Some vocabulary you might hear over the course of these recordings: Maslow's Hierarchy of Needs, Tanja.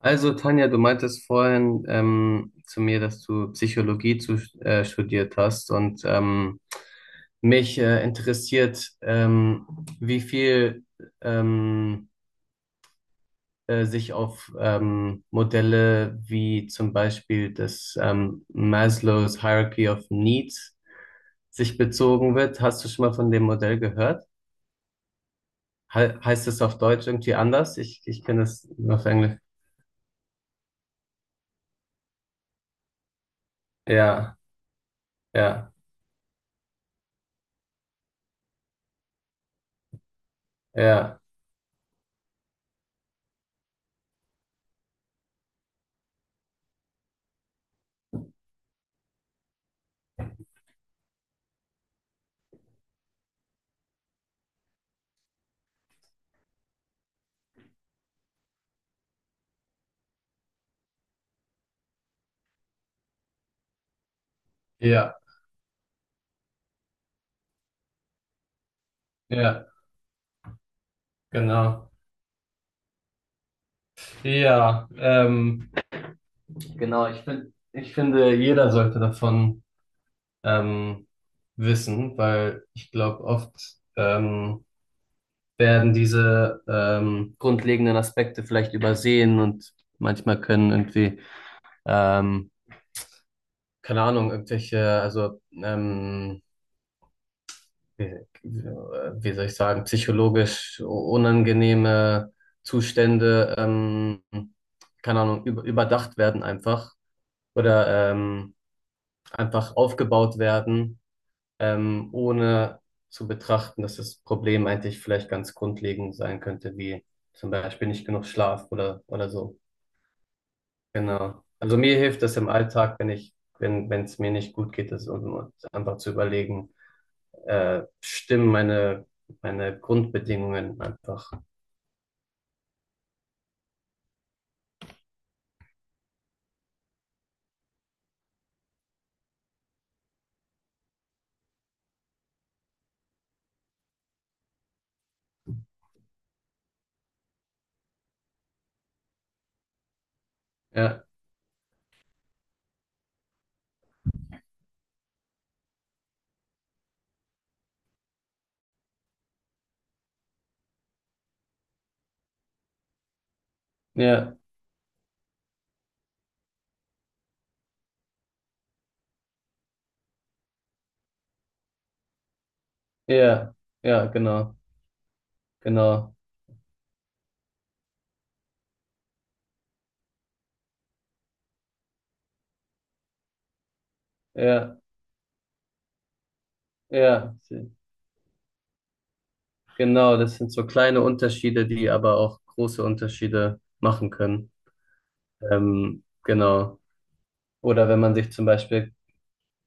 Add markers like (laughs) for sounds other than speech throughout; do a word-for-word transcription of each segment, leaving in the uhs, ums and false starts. Also, Tanja, du meintest vorhin ähm, zu mir, dass du Psychologie zu, äh, studiert hast und ähm, mich äh, interessiert, ähm, wie viel ähm, äh, sich auf ähm, Modelle wie zum Beispiel das ähm, Maslow's Hierarchy of Needs sich bezogen wird. Hast du schon mal von dem Modell gehört? He Heißt es auf Deutsch irgendwie anders? Ich, ich kenne es nur auf Englisch. Ja, ja, ja. Ja, ja. Genau. Ja, ähm, genau, ich finde, ich finde, jeder sollte davon ähm, wissen, weil ich glaube, oft ähm, werden diese ähm, grundlegenden Aspekte vielleicht übersehen und manchmal können irgendwie, ähm, keine Ahnung, irgendwelche, also ähm, wie, wie soll ich sagen, psychologisch unangenehme Zustände, ähm, keine Ahnung, über, überdacht werden einfach oder ähm, einfach aufgebaut werden, ähm, ohne zu betrachten, dass das Problem eigentlich vielleicht ganz grundlegend sein könnte, wie zum Beispiel nicht genug Schlaf oder, oder so. Genau. Also mir hilft das im Alltag, wenn ich, wenn, wenn es mir nicht gut geht, das und, und einfach zu überlegen, äh, stimmen meine, meine Grundbedingungen einfach. Ja, ja, ja, ja, genau, genau, ja, ja. Genau, das sind so kleine Unterschiede, die aber auch große Unterschiede machen können. Ähm, genau. Oder wenn man sich zum Beispiel,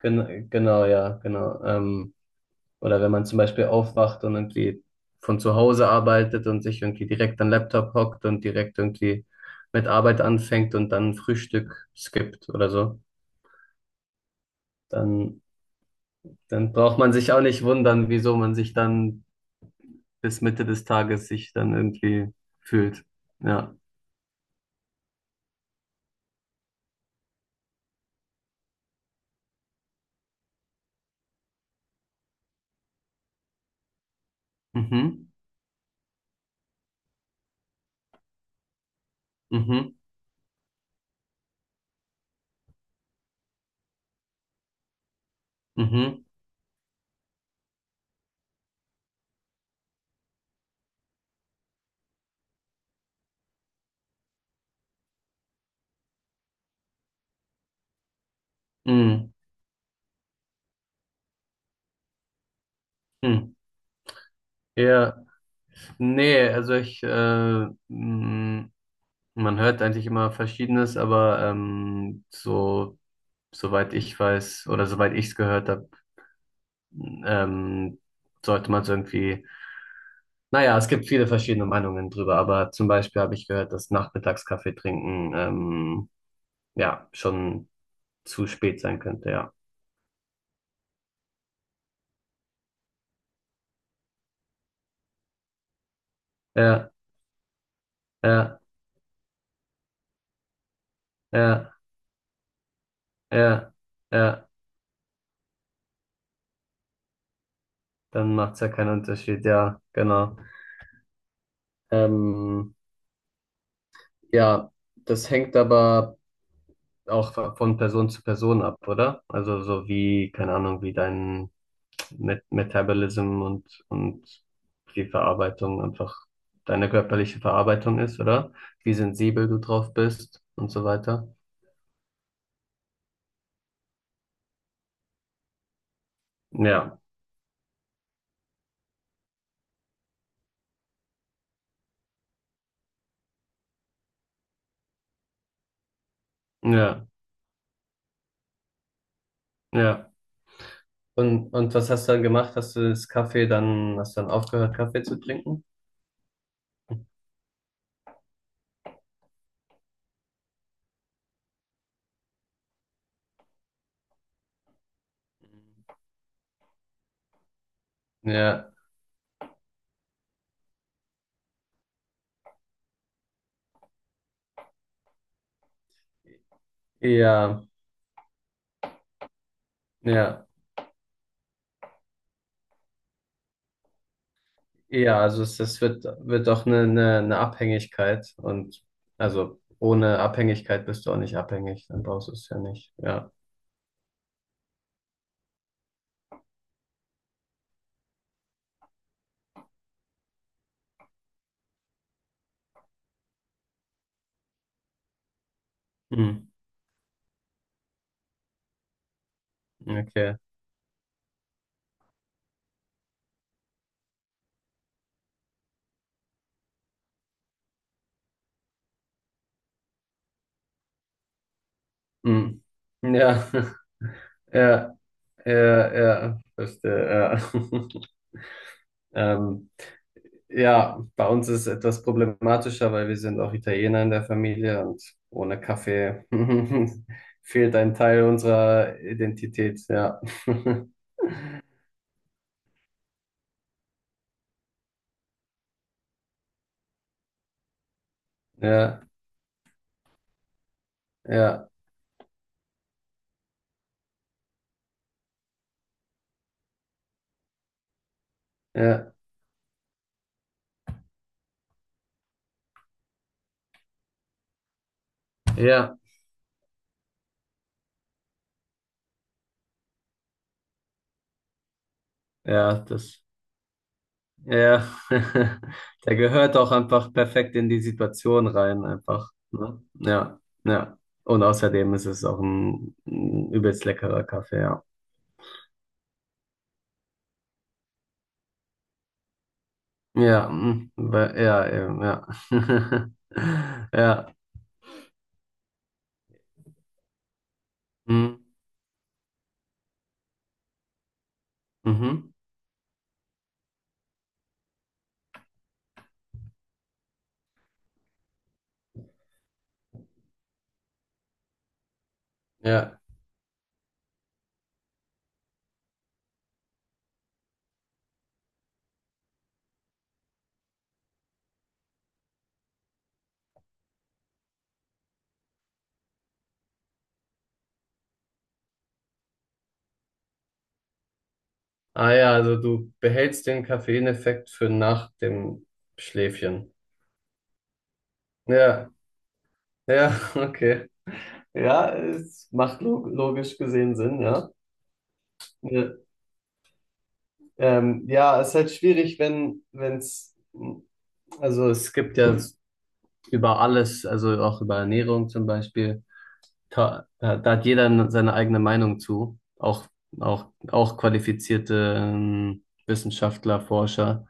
gen genau, ja, genau. Ähm, oder wenn man zum Beispiel aufwacht und irgendwie von zu Hause arbeitet und sich irgendwie direkt an den Laptop hockt und direkt irgendwie mit Arbeit anfängt und dann Frühstück skippt oder so, dann, dann braucht man sich auch nicht wundern, wieso man sich dann bis Mitte des Tages sich dann irgendwie fühlt. Ja. Mhm. Mhm. Mhm. Mhm. Mhm. Ja, nee, also ich, äh, mh, man hört eigentlich immer Verschiedenes, aber ähm, so, soweit ich weiß oder soweit ich es gehört habe, ähm, sollte man es irgendwie, naja, es gibt viele verschiedene Meinungen drüber, aber zum Beispiel habe ich gehört, dass Nachmittagskaffee trinken, ähm, ja, schon zu spät sein könnte, ja. Ja, ja, ja, ja, ja, dann macht es ja keinen Unterschied, ja, genau. Ähm, ja, das hängt aber auch von Person zu Person ab, oder? Also so wie, keine Ahnung, wie dein Met Metabolism und, und die Verarbeitung einfach deine körperliche Verarbeitung ist, oder? Wie sensibel du drauf bist und so weiter. Ja, ja, ja. Und, und was hast du dann gemacht? Hast du das Kaffee dann, hast du dann aufgehört, Kaffee zu trinken? Ja, ja, ja. Ja, also es, es wird, wird doch eine, eine, eine Abhängigkeit und also ohne Abhängigkeit bist du auch nicht abhängig, dann brauchst du es ja nicht. Ja. Hm. Okay. Hm. Ja, (laughs) ja, ja, ja, verstehe, ja. (laughs) Ähm, ja, bei uns ist es etwas problematischer, weil wir sind auch Italiener in der Familie und ohne Kaffee (laughs) fehlt ein Teil unserer Identität, ja. (laughs) Ja, ja, ja, ja. Ja, das, ja, (laughs) der gehört auch einfach perfekt in die Situation rein, einfach. Ne? Ja, ja. Und außerdem ist es auch ein, ein übelst leckerer Kaffee, ja. Ja, mm, we- ja, eben, ja. (laughs) Ja, mm, mhm, ja. Ah ja, also du behältst den Koffeineffekt für nach dem Schläfchen. Ja, ja, (laughs) okay. Ja, es macht log logisch gesehen Sinn, ja. Ja. Ähm, ja, es ist halt schwierig, wenn, wenn es, also es gibt ja über alles, also auch über Ernährung zum Beispiel, da, da da hat jeder seine eigene Meinung zu, auch, auch, auch qualifizierte ähm, Wissenschaftler, Forscher.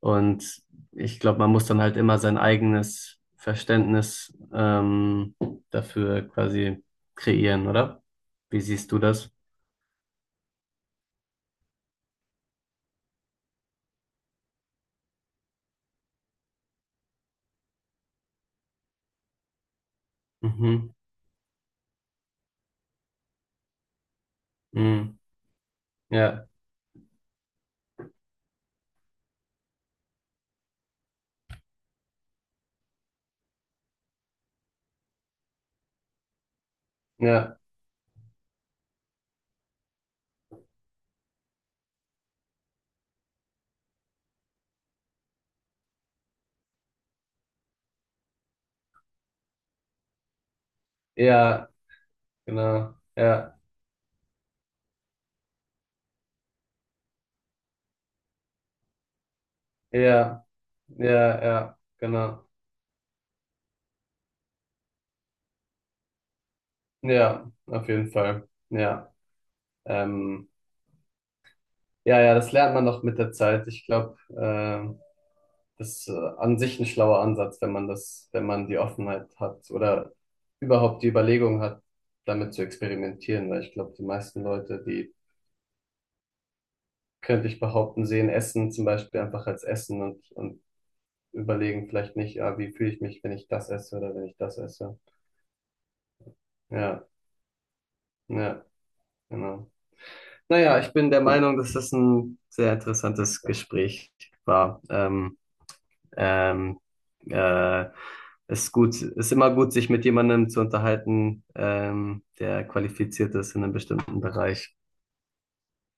Und ich glaube, man muss dann halt immer sein eigenes Verständnis ähm, dafür quasi kreieren, oder? Wie siehst du das? Mhm. Mhm. Ja, ja, ja. Genau. Ja, ja, ja, ja, genau. Ja, auf jeden Fall. Ja. Ähm, ja, ja, das lernt man noch mit der Zeit. Ich glaube, ähm, das ist äh, an sich ein schlauer Ansatz, wenn man das, wenn man die Offenheit hat oder überhaupt die Überlegung hat, damit zu experimentieren, weil ich glaube, die meisten Leute, die könnte ich behaupten, sehen Essen zum Beispiel einfach als Essen und, und überlegen vielleicht nicht, ah, wie fühle ich mich, wenn ich das esse oder wenn ich das esse. Ja, ja, genau. Naja, ich bin der Meinung, dass das ein sehr interessantes Gespräch war. Ähm, ähm, äh, Ist gut, ist immer gut, sich mit jemandem zu unterhalten, ähm, der qualifiziert ist in einem bestimmten Bereich.